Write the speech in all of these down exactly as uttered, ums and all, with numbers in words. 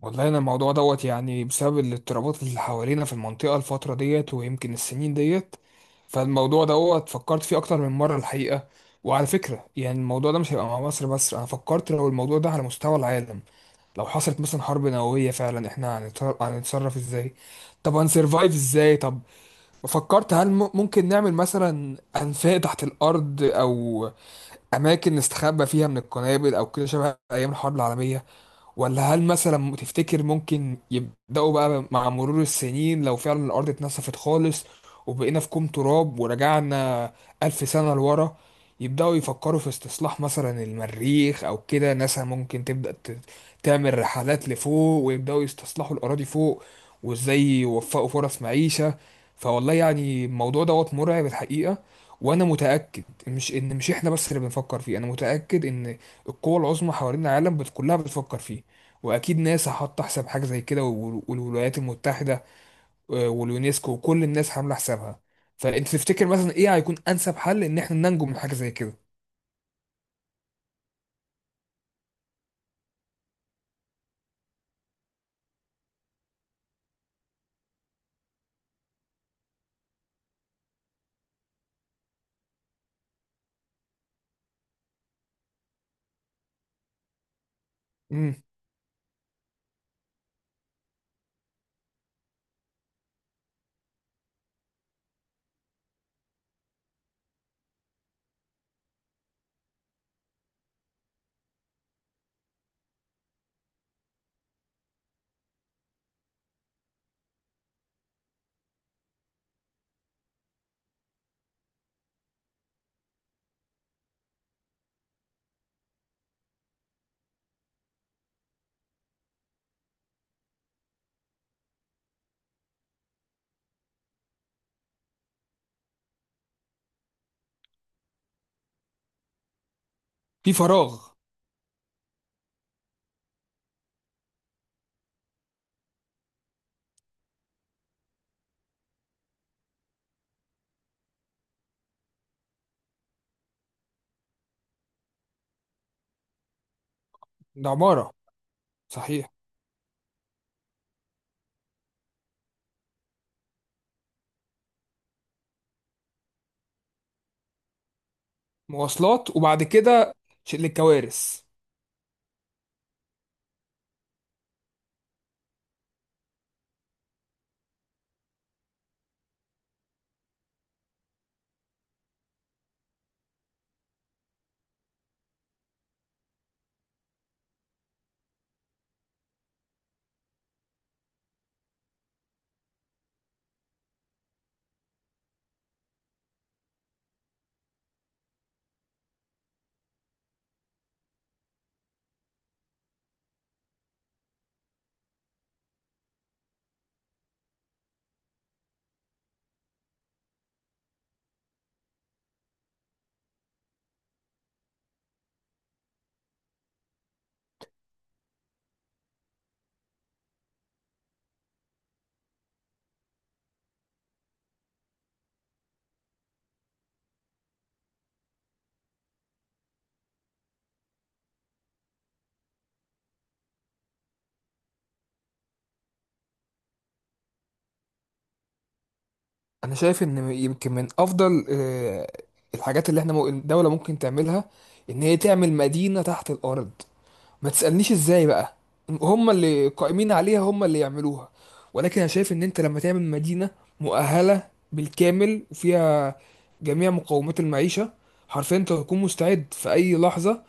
والله، انا الموضوع دوت يعني بسبب الاضطرابات اللي حوالينا في المنطقه الفتره ديت ويمكن السنين ديت. فالموضوع دوت فكرت فيه اكتر من مره الحقيقه. وعلى فكره يعني الموضوع ده مش هيبقى مع مصر بس، انا فكرت لو الموضوع ده على مستوى العالم. لو حصلت مثلا حرب نوويه فعلا، احنا هنتصر- هنتصرف ازاي؟ طب هنسرفايف ازاي؟ طب فكرت، هل م- ممكن نعمل مثلا انفاق تحت الارض او اماكن نستخبى فيها من القنابل او كده شبه ايام الحرب العالميه؟ ولا هل مثلا تفتكر ممكن يبدأوا بقى مع مرور السنين، لو فعلا الأرض اتنسفت خالص وبقينا في كوم تراب ورجعنا ألف سنة لورا، يبدأوا يفكروا في استصلاح مثلا المريخ، أو كده ناسا ممكن تبدأ ت- تعمل رحلات لفوق ويبدأوا يستصلحوا الأراضي فوق، وإزاي يوفقوا فرص معيشة؟ فوالله يعني الموضوع دوت مرعب الحقيقة. وأنا متأكد مش إن مش إحنا بس اللي بنفكر فيه، أنا متأكد إن القوى العظمى حوالين العالم بت- كلها بتفكر فيه. واكيد ناسا حاطه حساب حاجه زي كده، وال- والولايات المتحده، آه، واليونسكو، وكل الناس عامله حسابها. فانت تفتكر مثلا ايه هيكون انسب حل ان احنا ننجو من حاجه زي كده؟ امم. في فراغ. ده عماره. صحيح. مواصلات، وبعد كده شيء للكوارث. انا شايف ان يمكن من افضل آه، الحاجات اللي احنا مو- الدوله ممكن تعملها ان هي تعمل مدينه تحت الارض. ما تسألنيش ازاي بقى، هم اللي قائمين عليها هم اللي يعملوها. ولكن انا شايف ان انت لما تعمل مدينة مؤهلة بالكامل وفيها جميع مقومات المعيشة، حرفيا انت هتكون مستعد في اي لحظة.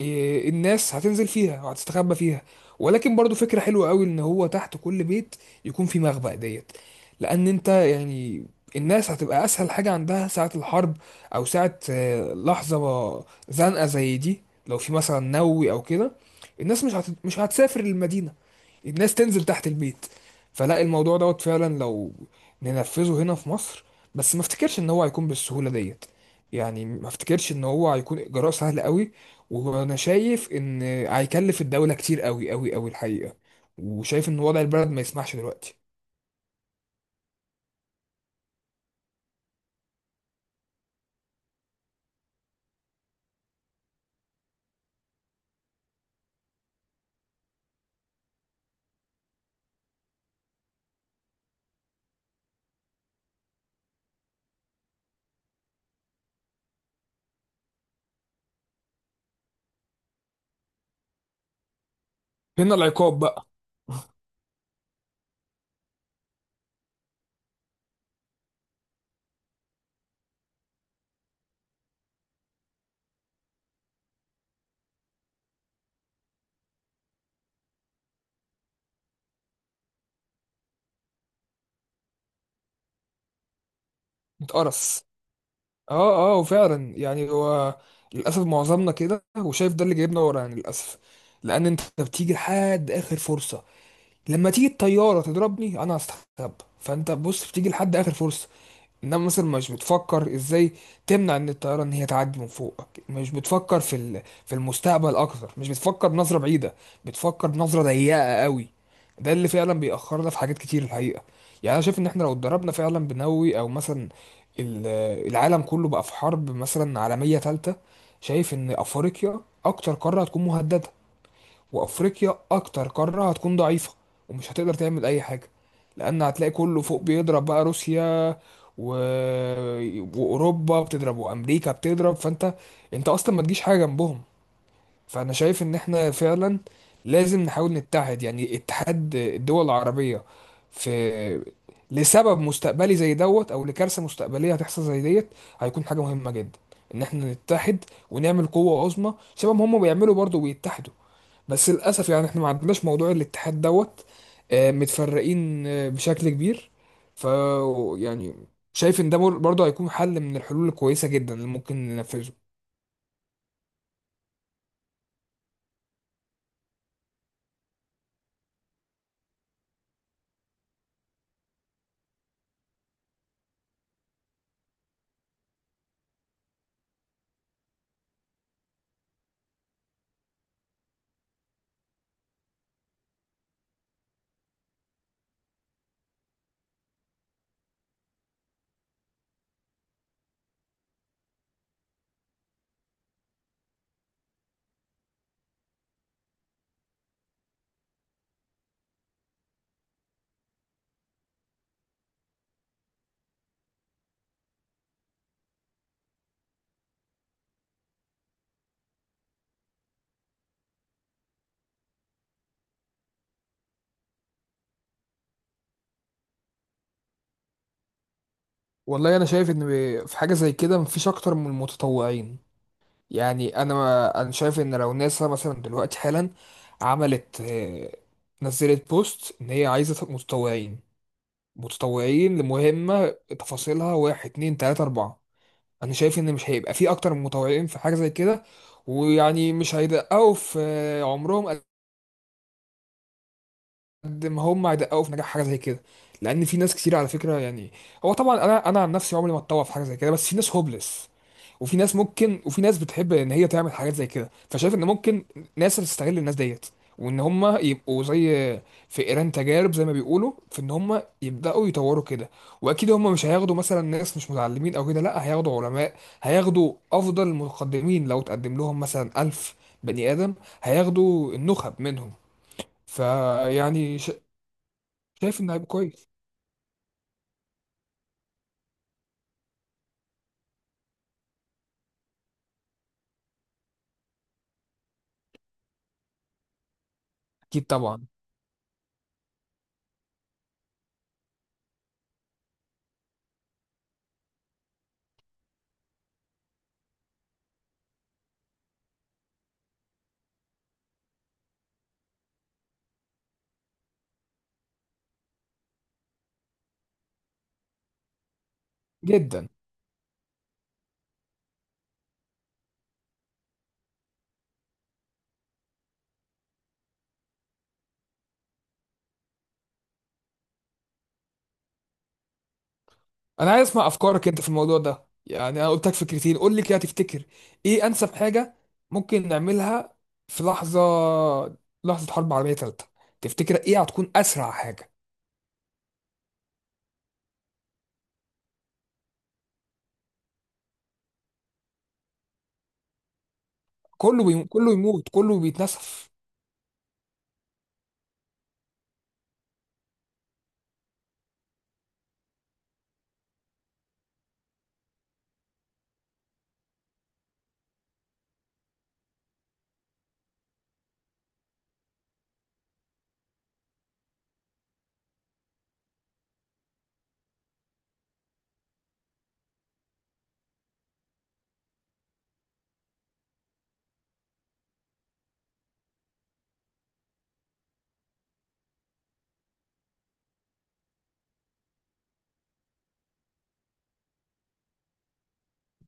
إيه، الناس هتنزل فيها وهتستخبى فيها. ولكن برضو فكرة حلوة قوي ان هو تحت كل بيت يكون في مخبأ ديت. لان انت يعني الناس هتبقى اسهل حاجة عندها ساعة الحرب او ساعة آه، لحظة زنقة زي دي. لو في مثلا نووي او كده، الناس مش هت... مش هتسافر للمدينة، الناس تنزل تحت البيت. فلا، الموضوع دوت فعلا لو ننفذه هنا في مصر، بس ما افتكرش ان هو هيكون بالسهولة ديت. يعني ما افتكرش ان هو هيكون اجراء سهل قوي، وانا شايف ان هيكلف الدولة كتير قوي قوي قوي الحقيقة، وشايف ان وضع البلد ما يسمحش دلوقتي. هنا العقاب بقى. اتقرص. اه، اه، وفعلا يعني هو للاسف معظمنا كده، وشايف ده اللي جايبنا ورا يعني للاسف. لان انت بتيجي لحد اخر فرصة، لما تيجي الطيارة تضربني انا هستخبى، فانت بص بتيجي لحد اخر فرصة. انما مثلا مش بتفكر ازاي تمنع ان الطياره ان هي تعدي من فوقك، مش بتفكر في ال- في المستقبل اكتر، مش بتفكر بنظره بعيده، بتفكر بنظره ضيقه قوي. ده اللي فعلا بيأخرنا في حاجات كتير الحقيقه. يعني انا شايف ان احنا لو اتدربنا فعلا بنووي، او مثلا ال- العالم كله بقى في حرب مثلا عالميه ثالثه، شايف ان افريقيا اكتر قاره هتكون مهدده، وافريقيا اكتر قاره هتكون ضعيفه ومش هتقدر تعمل اي حاجه. لان هتلاقي كله فوق بيضرب بقى، روسيا و... واوروبا بتضرب وامريكا بتضرب. فانت، انت اصلا ما تجيش حاجه جنبهم. فانا شايف ان احنا فعلا لازم نحاول نتحد، يعني اتحاد الدول العربيه في لسبب مستقبلي زي دوت او لكارثه مستقبليه هتحصل زي ديت، هيكون حاجه مهمه جدا ان احنا نتحد ونعمل قوه عظمى شبه ما هم بيعملوا برضه بيتحدوا. بس للاسف يعني احنا ما عندناش موضوع الاتحاد دوت، آه، متفرقين آه، بشكل كبير. ف، يعني شايف ان ده بر- برضه هيكون حل من الحلول الكويسه جدا اللي ممكن ننفذه. والله انا شايف ان ب- في حاجه زي كده مفيش اكتر من المتطوعين. يعني انا انا شايف ان لو ناسا مثلا دلوقتي حالا عملت آه، نزلت بوست ان هي عايزه متطوعين، متطوعين لمهمه تفاصيلها واحد اتنين تلاته اربعه. انا شايف ان مش هيبقى في اكتر من مطوعين في حاجه زي كده. ويعني مش هيدققوا في عمرهم قد ما هم هيدققوا في نجاح حاجه زي كده. لان في ناس كتير على فكره، يعني هو طبعا انا انا عن نفسي عمري ما اتطوع في حاجه زي كده، بس في ناس هوبلس، وفي ناس ممكن، وفي ناس بتحب ان هي تعمل حاجات زي كده. فشايف ان ممكن ناس تستغل الناس ديت وان هم يبقوا زي فئران تجارب، زي ما بيقولوا، في ان هم يبداوا يطوروا كده. واكيد هم مش هياخدوا مثلا ناس مش متعلمين او كده، لا، هياخدوا علماء، هياخدوا افضل المتقدمين. لو تقدم لهم مثلا ألف بني ادم، هياخدوا النخب منهم. فيعني شايف انه هيبقى كويس. اكيد طبعا. جدا. انا عايز اسمع افكارك انت في الموضوع ده، يعني انا قلت لك فكرتين، قول لي كده، تفتكر ايه انسب حاجه ممكن نعملها في لحظه، لحظه حرب عالميه ثالثه؟ تفتكر ايه هتكون اسرع حاجه؟ كله بي... كله يموت، كله بيتنسف.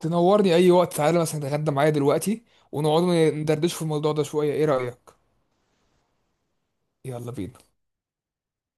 تنورني اي وقت، تعالى مثلا تتغدى معايا دلوقتي ونقعد ندردش في الموضوع ده شويه، ايه رايك؟ يلا بينا.